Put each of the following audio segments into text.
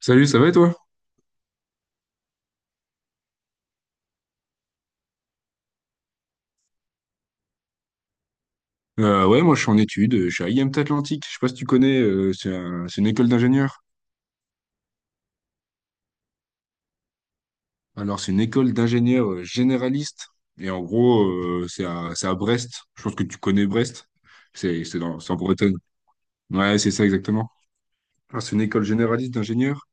Salut, ça va et toi? Ouais, moi je suis en études, je suis à IMT Atlantique, je sais pas si tu connais, c'est une école d'ingénieurs. Alors c'est une école d'ingénieurs généralistes, et en gros c'est à Brest, je pense que tu connais Brest, c'est en Bretagne. Ouais, c'est ça exactement. Alors, c'est une école généraliste d'ingénieurs,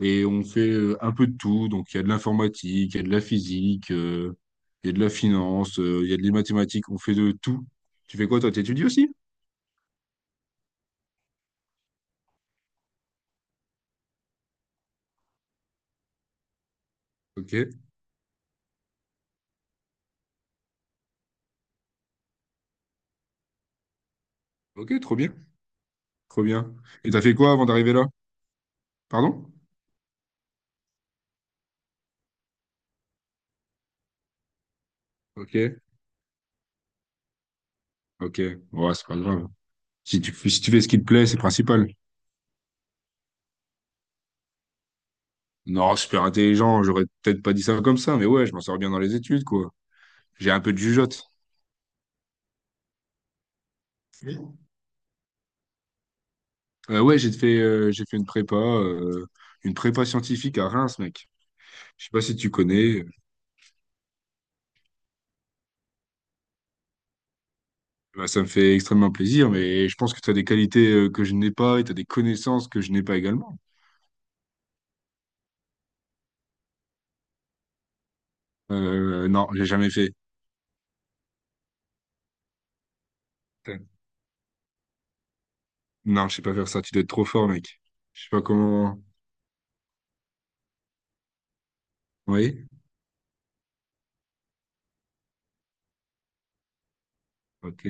et on fait un peu de tout, donc il y a de l'informatique, il y a de la physique, il y a de la finance, il y a des mathématiques, on fait de tout. Tu fais quoi toi, t'étudies aussi? Ok, ok, trop bien, trop bien. Et t'as fait quoi avant d'arriver là? Pardon? Ok, ok. Ouais, c'est pas grave. Si tu fais ce qui te plaît, c'est principal. Non, super intelligent, j'aurais peut-être pas dit ça comme ça, mais ouais, je m'en sors bien dans les études, quoi. J'ai un peu de jugeote. Oui. J'ai fait une prépa scientifique à Reims, mec. Je sais pas si tu connais. Bah, ça me fait extrêmement plaisir, mais je pense que tu as des qualités que je n'ai pas et tu as des connaissances que je n'ai pas également. Non, j'ai jamais fait. Non, je sais pas faire ça. Tu dois être trop fort, mec. Je sais pas comment. Oui? Ok.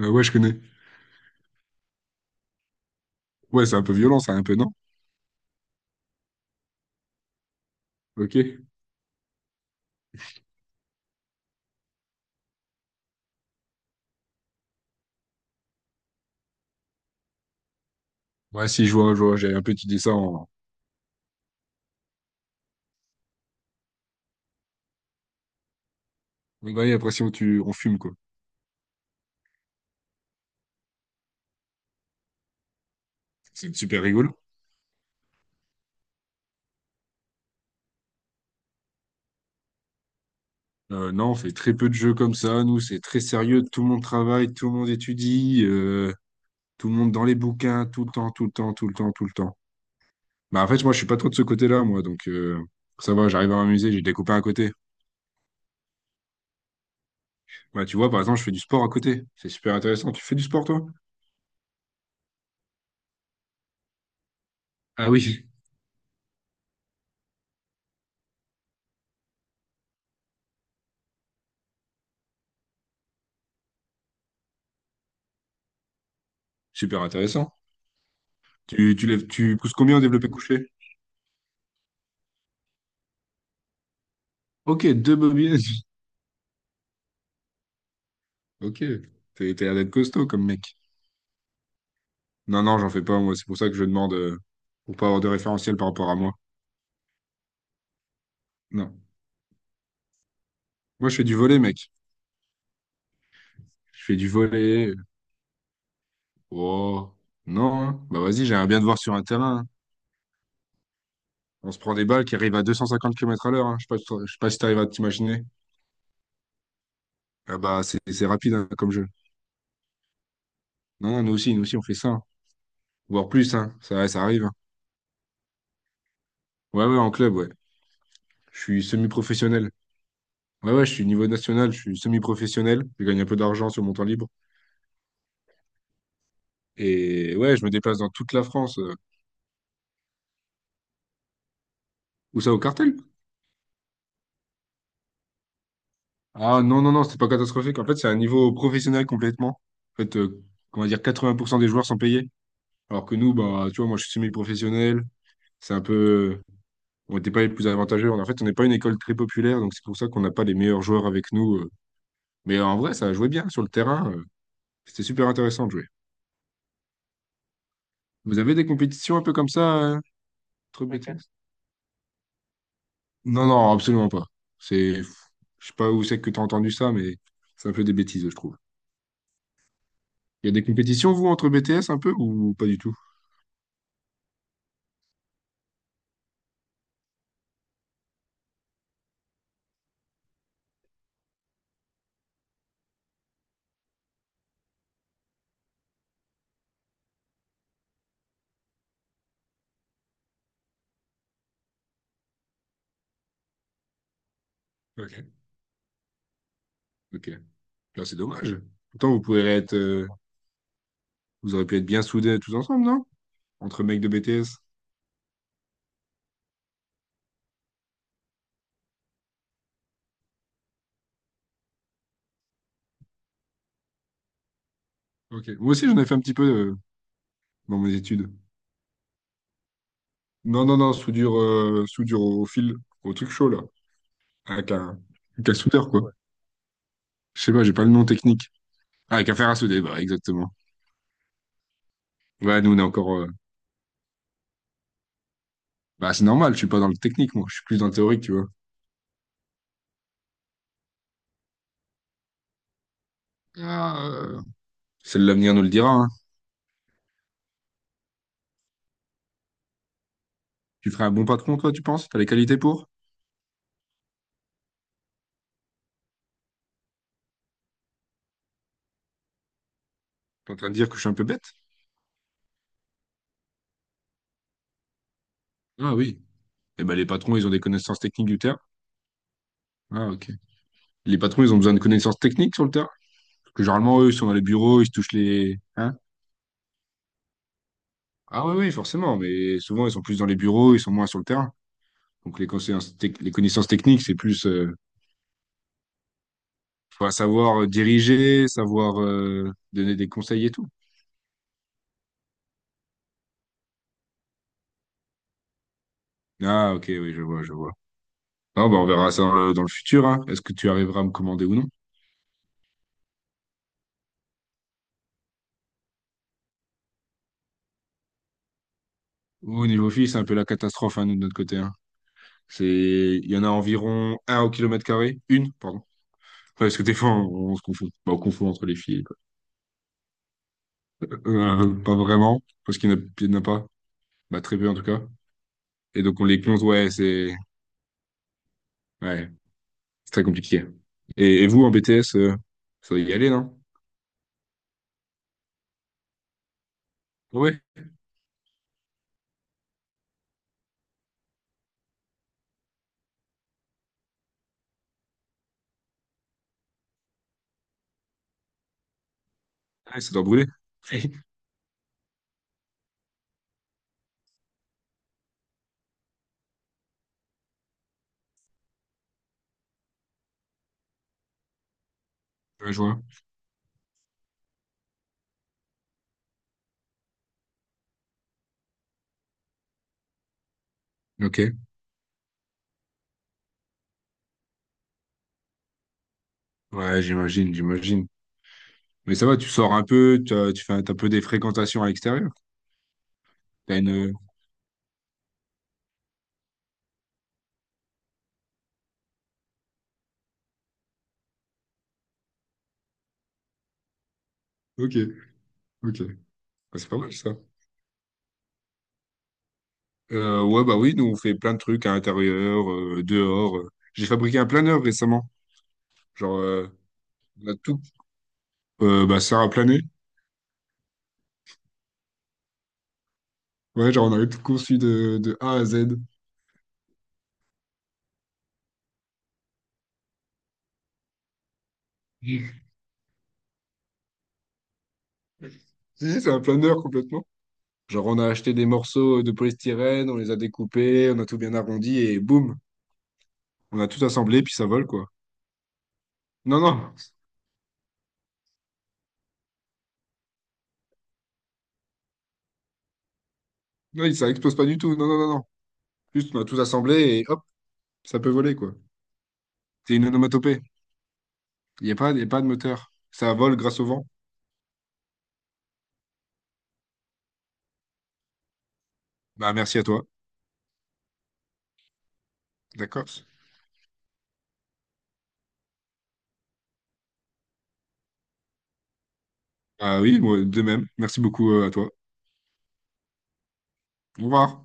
Ouais, je connais. Ouais, c'est un peu violent, ça, un peu, non? Ok. Ouais, si, je vois, j'ai un peu idée ça en. Ouais, après, si on, tu... on fume, quoi. C'est super rigolo. Non, on fait très peu de jeux comme ça. Nous, c'est très sérieux. Tout le monde travaille, tout le monde étudie, tout le monde dans les bouquins, tout le temps, tout le temps, tout le temps, tout le temps. Bah, en fait, moi, je suis pas trop de ce côté-là, moi. Ça va, j'arrive à m'amuser. J'ai des copains à côté. Bah, tu vois, par exemple, je fais du sport à côté. C'est super intéressant. Tu fais du sport, toi? Ah oui. Super intéressant. Tu lèves, tu pousses combien au développé couché? Ok, deux bobines. Ok. T'as l'air d'être costaud comme mec. Non, non, j'en fais pas, moi. C'est pour ça que je demande, pour pas avoir de référentiel par rapport à moi. Non. Moi, je fais du volley, mec. Je fais du volley. Oh. Non, hein. Bah, vas-y, j'aimerais bien te voir sur un terrain, hein. On se prend des balles qui arrivent à 250 km à l'heure, hein. Je sais pas si t'arrives à t'imaginer. Ah bah, c'est rapide, hein, comme jeu. Non, non, nous aussi, on fait ça, hein. Voire plus, hein. Ça, ouais, ça arrive, hein. Ouais, ouais, en club, ouais. Je suis semi-professionnel. Ouais, ouais, je suis niveau national, je suis semi-professionnel. Je gagne un peu d'argent sur mon temps libre. Et ouais, je me déplace dans toute la France. Où ça, au cartel? Ah non, non, non, c'est pas catastrophique. En fait, c'est un niveau professionnel complètement. En fait, on va dire 80% des joueurs sont payés. Alors que nous, bah, tu vois, moi, je suis semi-professionnel. C'est un peu. On n'était pas les plus avantageux. En fait, on n'est pas une école très populaire, donc c'est pour ça qu'on n'a pas les meilleurs joueurs avec nous. Mais en vrai, ça a joué bien sur le terrain. C'était super intéressant de jouer. Vous avez des compétitions un peu comme ça, entre Ok. bêtises? Non, non, absolument pas. C'est, je sais pas où c'est que tu as entendu ça, mais c'est un peu des bêtises, je trouve. Il y a des compétitions, vous, entre BTS un peu ou pas du tout? Ok. Ok. Là, c'est dommage. Pourtant, vous auriez pu être bien soudés tous ensemble, non? Entre mecs de BTS. Ok. Moi aussi, j'en ai fait un petit peu euh, dans mes études. Non, non, non, soudure au fil, au truc chaud, là. Avec un, avec un soudeur, quoi. Ouais. Je sais pas, j'ai pas le nom technique. Ah, avec un fer à souder, bah, exactement. Ouais, nous, on est encore. Bah, c'est normal, je suis pas dans le technique, moi. Je suis plus dans le théorique, tu vois. Ah, euh, c'est l'avenir nous le dira, hein. Tu ferais un bon patron, toi, tu penses? T'as les qualités pour? T'es en train de dire que je suis un peu bête? Ah oui. Eh ben, les patrons, ils ont des connaissances techniques du terrain. Ah, ok. Les patrons, ils ont besoin de connaissances techniques sur le terrain. Parce que généralement, eux, ils sont dans les bureaux, ils se touchent les. Hein? Ah oui, oui, forcément, mais souvent, ils sont plus dans les bureaux, ils sont moins sur le terrain. Donc les connaissances techniques, c'est plus faut savoir diriger, savoir donner des conseils et tout. Ah ok, oui, je vois, je vois. Non bah, on verra ça dans le futur, hein. Est-ce que tu arriveras à me commander ou non? Au niveau fille, c'est un peu la catastrophe hein, nous, de notre côté, hein. C'est, il y en a environ un au kilomètre carré, une, pardon. Ouais, parce que des fois, on se confond. Bah, on confond entre les filles, quoi. Pas vraiment, parce qu'il n'y en a, il y en a pas. Bah, très peu en tout cas. Et donc on les compte, ouais, c'est, ouais, c'est très compliqué. Et vous, en BTS, ça doit y aller, non? Oui, ça doit brûler. Ouais, je vois. Ok. Ouais, j'imagine, j'imagine. Mais ça va, tu fais un, t'as un peu des fréquentations à l'extérieur. T'as une... Ok, ok. Bah, c'est pas mal, ça. Ouais, bah oui, nous, on fait plein de trucs à l'intérieur, dehors. J'ai fabriqué un planeur récemment. Genre, euh, on a tout... bah, ça a plané. Ouais, genre, on a tout conçu de A à Z. Si, c'est un planeur, complètement. Genre, on a acheté des morceaux de polystyrène, on les a découpés, on a tout bien arrondi et boum, on a tout assemblé, puis ça vole, quoi. Non, non, non, ça explose pas du tout. Non, non, non, non. Juste, on a tout assemblé et hop, ça peut voler, quoi. C'est une onomatopée. Il y a pas de moteur. Ça vole grâce au vent. Bah, merci à toi. D'accord. Ah oui, moi, de même. Merci beaucoup, à toi. Au revoir.